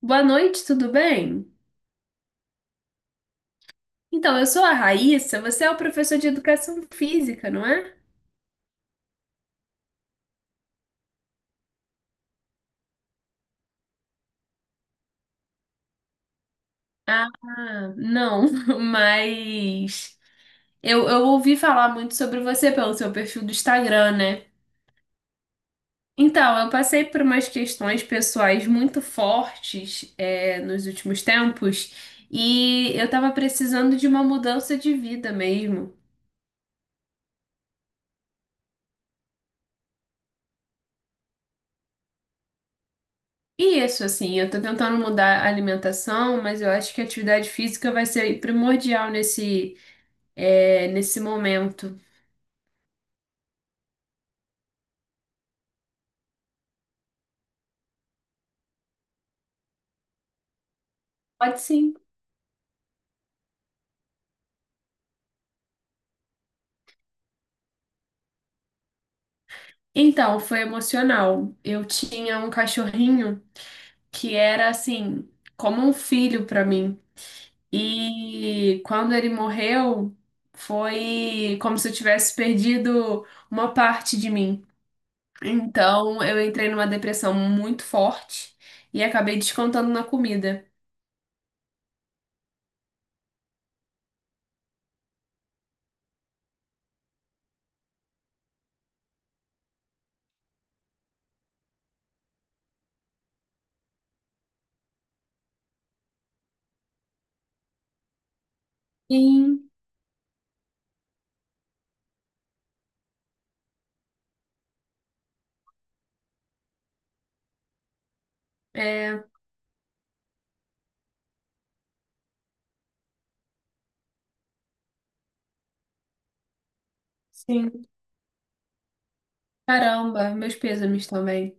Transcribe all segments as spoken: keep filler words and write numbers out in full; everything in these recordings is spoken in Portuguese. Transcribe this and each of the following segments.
Boa noite, tudo bem? Então, eu sou a Raíssa, você é o professor de educação física, não é? Ah, não, mas eu, eu ouvi falar muito sobre você pelo seu perfil do Instagram, né? Então, eu passei por umas questões pessoais muito fortes, é, nos últimos tempos e eu tava precisando de uma mudança de vida mesmo. E isso, assim, eu tô tentando mudar a alimentação, mas eu acho que a atividade física vai ser primordial nesse é, nesse momento. Pode sim. Então, foi emocional. Eu tinha um cachorrinho que era assim, como um filho para mim. E quando ele morreu, foi como se eu tivesse perdido uma parte de mim. Então, eu entrei numa depressão muito forte e acabei descontando na comida. Sim, é, sim. Caramba, meus pêsames também.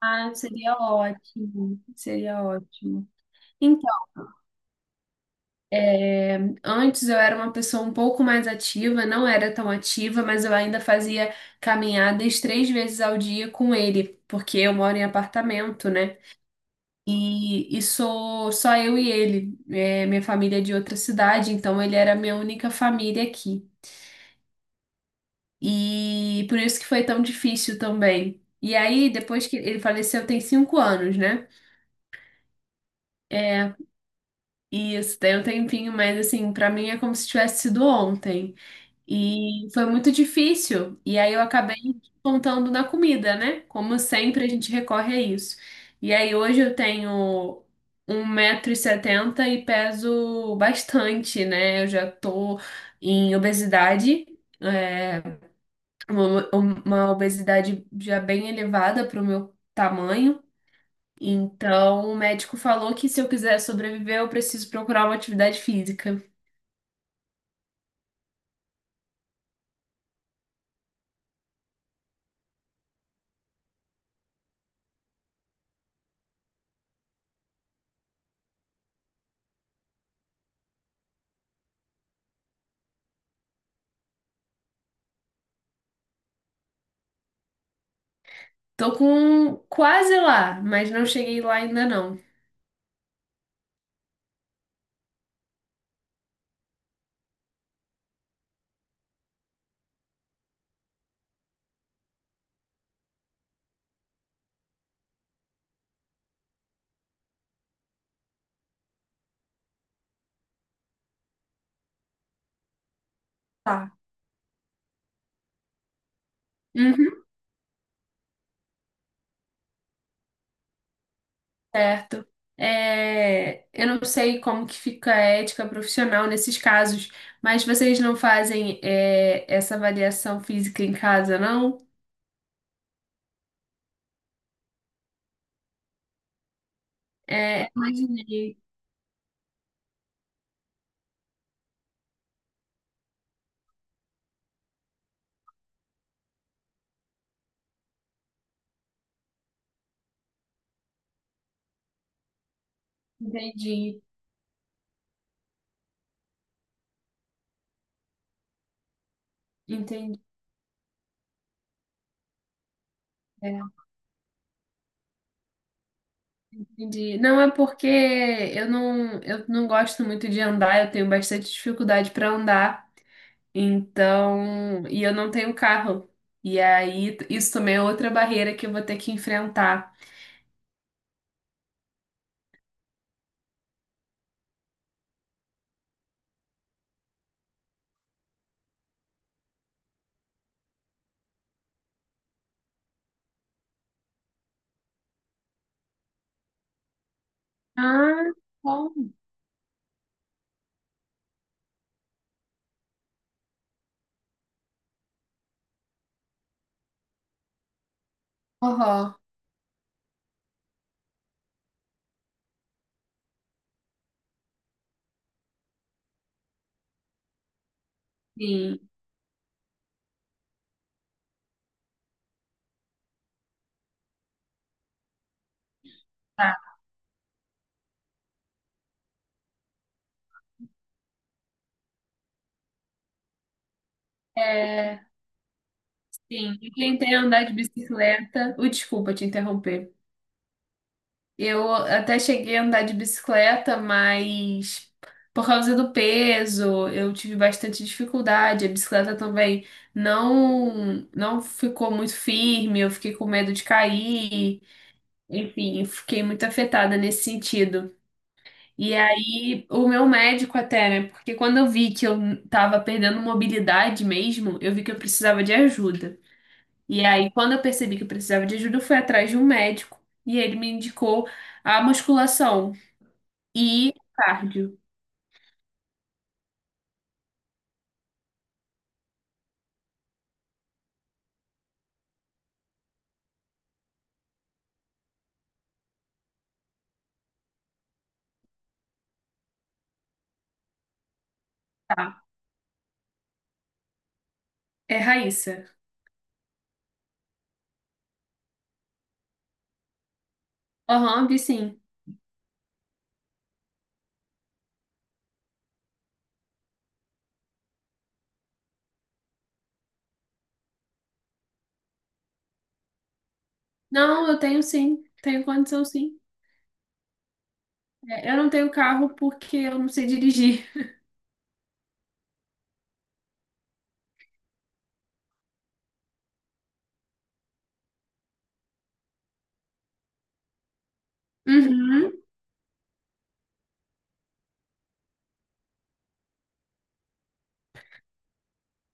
Ah, seria ótimo, seria ótimo. Antes eu era uma pessoa um pouco mais ativa, não era tão ativa, mas eu ainda fazia caminhadas três vezes ao dia com ele, porque eu moro em apartamento, né? E, e sou só eu e ele. É, minha família é de outra cidade, então ele era a minha única família aqui. E por isso que foi tão difícil também. E aí, depois que ele faleceu, tem cinco anos, né? E isso tem um tempinho, mas assim, pra mim é como se tivesse sido ontem. E foi muito difícil. E aí eu acabei contando na comida, né? Como sempre, a gente recorre a isso. E aí hoje eu tenho um metro e setenta e setenta e peso bastante, né? Eu já tô em obesidade, é, uma, uma obesidade já bem elevada para o meu tamanho. Então, o médico falou que se eu quiser sobreviver, eu preciso procurar uma atividade física. Tô com quase lá, mas não cheguei lá ainda não. Tá. Uhum, certo. É, eu não sei como que fica a ética profissional nesses casos, mas vocês não fazem é, essa avaliação física em casa, não? É, imaginei, entendi, entendi, é, entendi. Não é porque eu não, eu não gosto muito de andar, eu tenho bastante dificuldade para andar, então, e eu não tenho carro. E aí, isso também é outra barreira que eu vou ter que enfrentar. Ah, bom. Aham. Sim, tá. É, sim, eu tentei andar de bicicleta. Uh, desculpa te interromper. Eu até cheguei a andar de bicicleta, mas por causa do peso, eu tive bastante dificuldade. A bicicleta também não não ficou muito firme, eu fiquei com medo de cair. Enfim, eu fiquei muito afetada nesse sentido. E aí, o meu médico até, né? Porque quando eu vi que eu tava perdendo mobilidade mesmo, eu vi que eu precisava de ajuda. E aí, quando eu percebi que eu precisava de ajuda, eu fui atrás de um médico e ele me indicou a musculação e cardio. Tá. É Raíssa. Aham, vi sim. Não, eu tenho sim. Tenho condição sim. É, eu não tenho carro porque eu não sei dirigir. Uhum,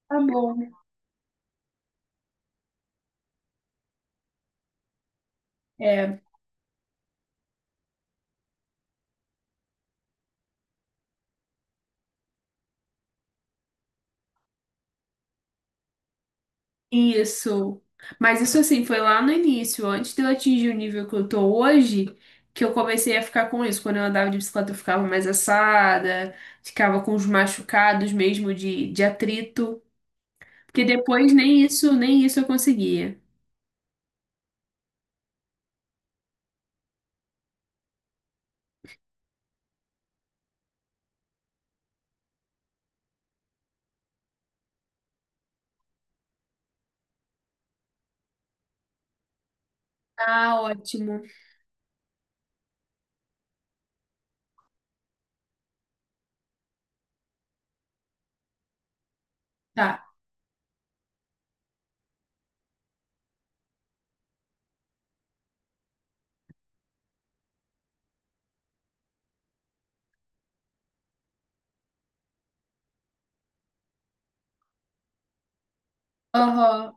tá bom. É, isso. Mas isso assim, foi lá no início, antes de eu atingir o nível que eu tô hoje, que eu comecei a ficar com isso. Quando eu andava de bicicleta, eu ficava mais assada, ficava com os machucados mesmo de, de atrito. Porque depois nem isso, nem isso eu conseguia. Ah, ótimo. Tá. Aham.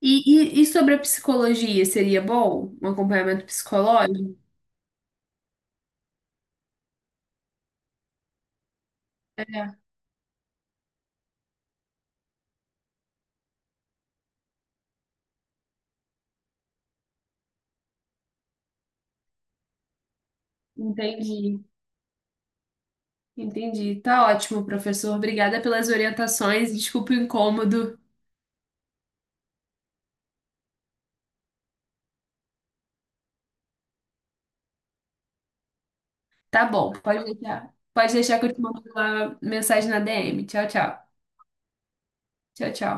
E, e, e sobre a psicologia, seria bom? Um acompanhamento psicológico? É, entendi. Entendi. Tá ótimo, professor. Obrigada pelas orientações. Desculpe o incômodo. Tá bom, pode deixar. Pode deixar que eu te mando uma mensagem na D M. Tchau, tchau. Tchau, tchau.